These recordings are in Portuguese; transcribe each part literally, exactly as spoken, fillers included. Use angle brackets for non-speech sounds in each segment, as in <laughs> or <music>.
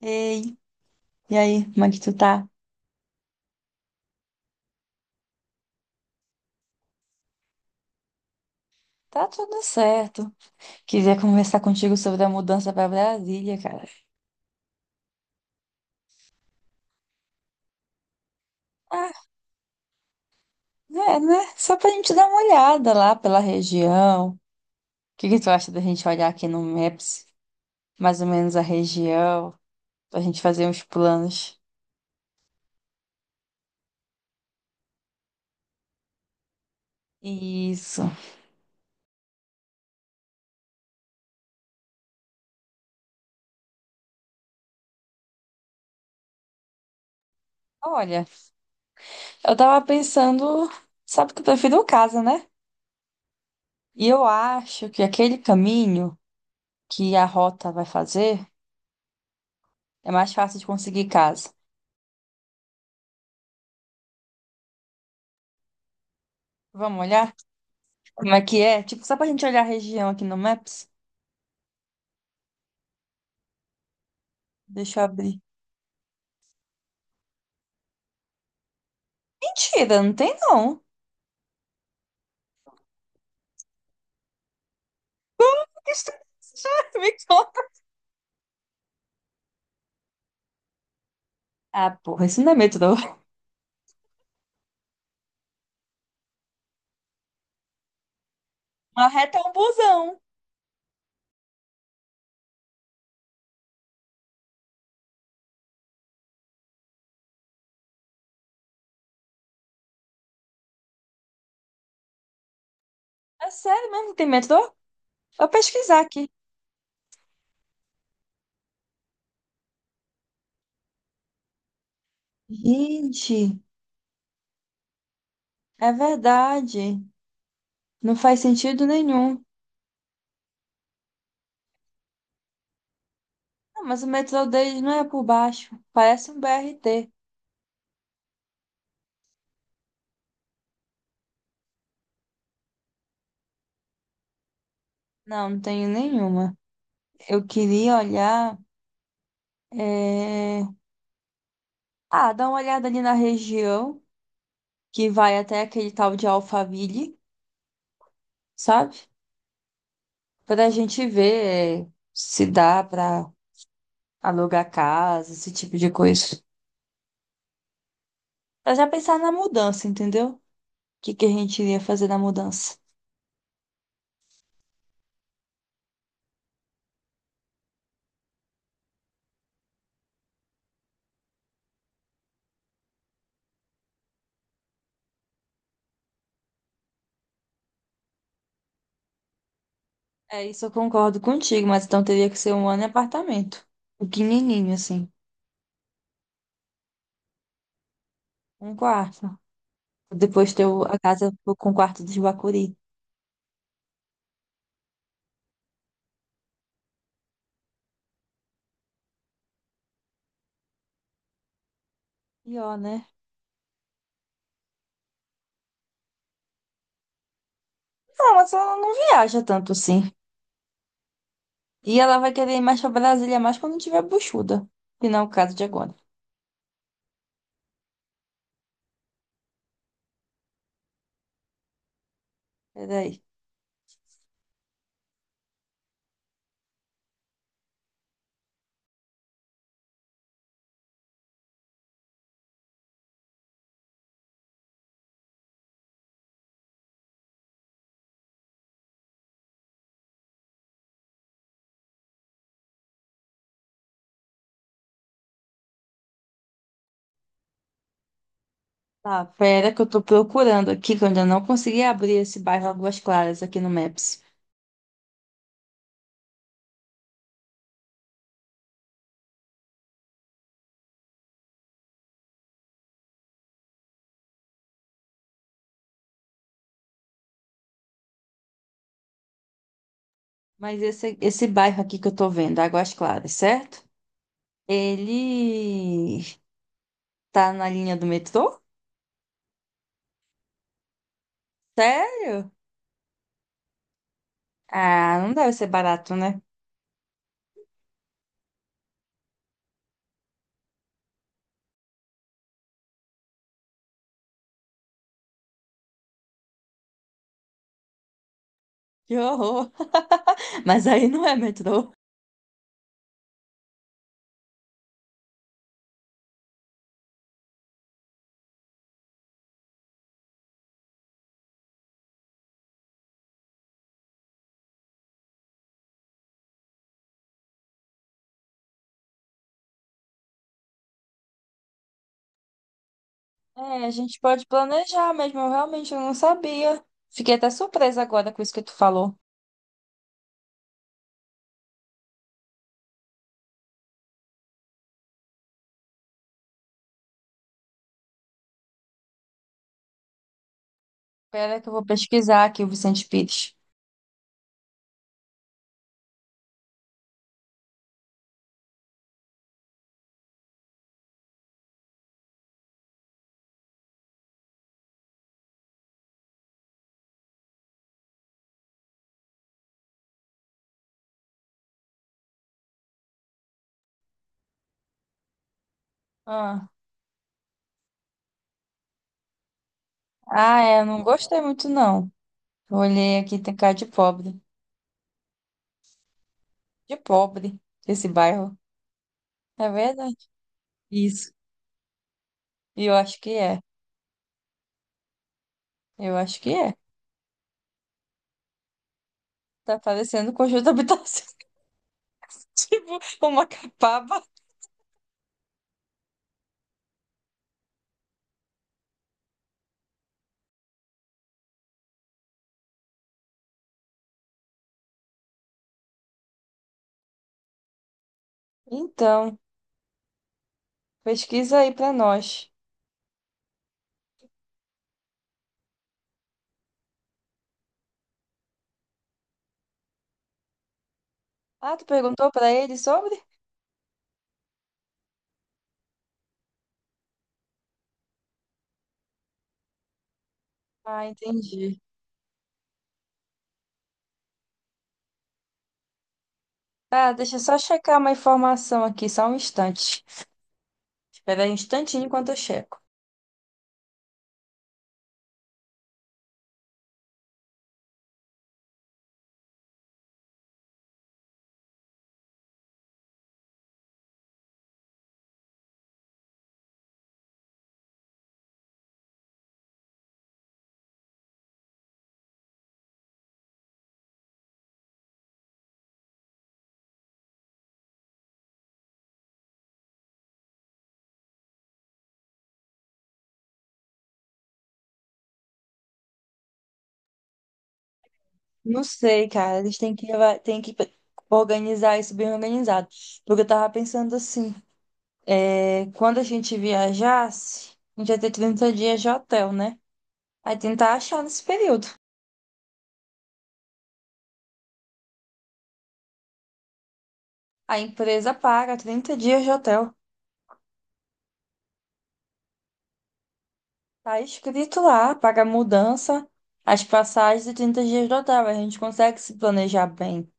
Ei, e aí, como é que tu tá? Tá tudo certo. Queria conversar contigo sobre a mudança pra Brasília, cara. Ah, é, né? Só pra gente dar uma olhada lá pela região. O que que tu acha da gente olhar aqui no Maps, mais ou menos a região, pra gente fazer uns planos? Isso. Olha, eu tava pensando, sabe que eu prefiro casa, né? E eu acho que aquele caminho que a rota vai fazer é mais fácil de conseguir casa. Vamos olhar? Como é que é? Tipo, só pra gente olhar a região aqui no Maps? Deixa eu abrir. Mentira, não tem não. Que estranho. <laughs> Me conta. Ah, porra, isso não é metrô. Uma reta é um busão. É sério mesmo, não tem metrô? Vou pesquisar aqui. Gente, é verdade. Não faz sentido nenhum. Não, mas o metrô deles não é por baixo. Parece um B R T. Não, não tenho nenhuma. Eu queria olhar. é, Ah, dá uma olhada ali na região que vai até aquele tal de Alphaville, sabe? Para a gente ver é, se dá para alugar casa, esse tipo de coisa. Para já pensar na mudança, entendeu? O que que a gente iria fazer na mudança? É, isso eu concordo contigo, mas então teria que ser um ano em apartamento. Pequenininho, assim. Um quarto. Depois ter o- a casa com o quarto dos Bacuri. E né? Não, mas ela não viaja tanto assim. E ela vai querer ir mais pra Brasília mais quando tiver buchuda. Que não é o caso de agora. Peraí. Tá, pera que eu tô procurando aqui, que eu ainda não consegui abrir esse bairro Águas Claras aqui no Maps. Mas esse, esse bairro aqui que eu tô vendo, Águas Claras, certo? Ele tá na linha do metrô? Sério? Ah, não deve ser barato, né? Que horror! <laughs> Mas aí não é metrô. É, a gente pode planejar mesmo, eu realmente não sabia. Fiquei até surpresa agora com isso que tu falou. Pera que eu vou pesquisar aqui o Vicente Pires. Ah, ah, é, eu não gostei muito não. Olhei aqui, tem cara de pobre. De pobre, esse bairro. É verdade? Isso. E eu acho que é. Eu acho que é. Tá parecendo um conjunto habitacional, <laughs> tipo uma capaba. Então, pesquisa aí pra nós. Ah, tu perguntou pra ele sobre? Ah, entendi. Ah, deixa eu só checar uma informação aqui, só um instante. Espera aí um instantinho enquanto eu checo. Não sei, cara. Eles têm que, levar- têm que organizar isso bem organizado. Porque eu tava pensando assim. É, quando a gente viajasse, a gente ia ter trinta dias de hotel, né? Aí tentar achar nesse período. A empresa paga trinta dias de hotel. Tá escrito lá, paga a mudança, as passagens e trinta dias de hotel. A gente consegue se planejar bem.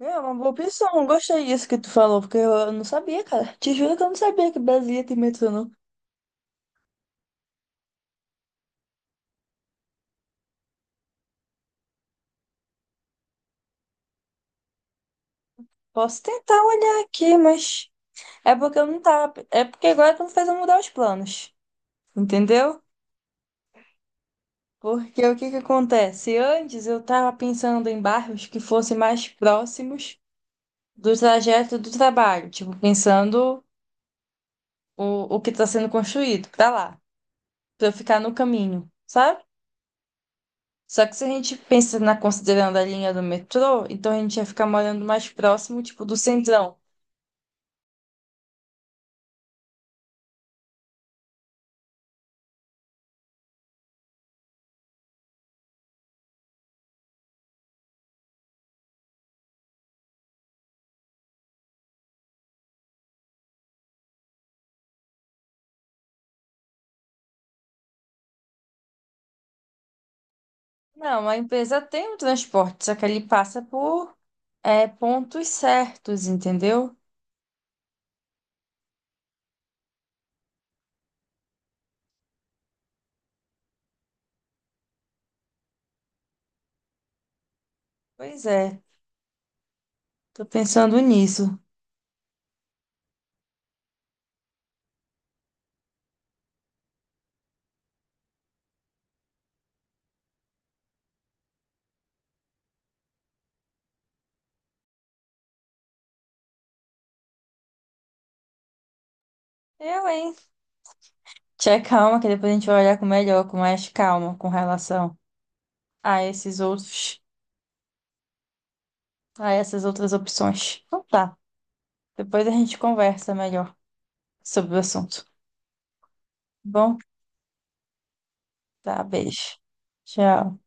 É uma boa opção, gostei disso que tu falou, porque eu não sabia, cara. Te juro que eu não sabia que Brasília tem metrô, não. Posso tentar olhar aqui, mas é porque eu não tava. É porque agora tu não fez eu mudar os planos. Entendeu? Porque o que que acontece? Antes eu estava pensando em bairros que fossem mais próximos do trajeto do trabalho, tipo, pensando o, o que está sendo construído para lá, para eu ficar no caminho, sabe? Só que se a gente pensa na considerando a linha do metrô, então a gente ia ficar morando mais próximo, tipo, do centrão. Não, a empresa tem o transporte, só que ele passa por é, pontos certos, entendeu? Pois é, tô pensando nisso. Eu, hein? Tchau, calma, que depois a gente vai olhar com melhor, com mais calma, com relação a esses outros, a essas outras opções. Então tá. Depois a gente conversa melhor sobre o assunto. Tá. Bom, tá, beijo. Tchau.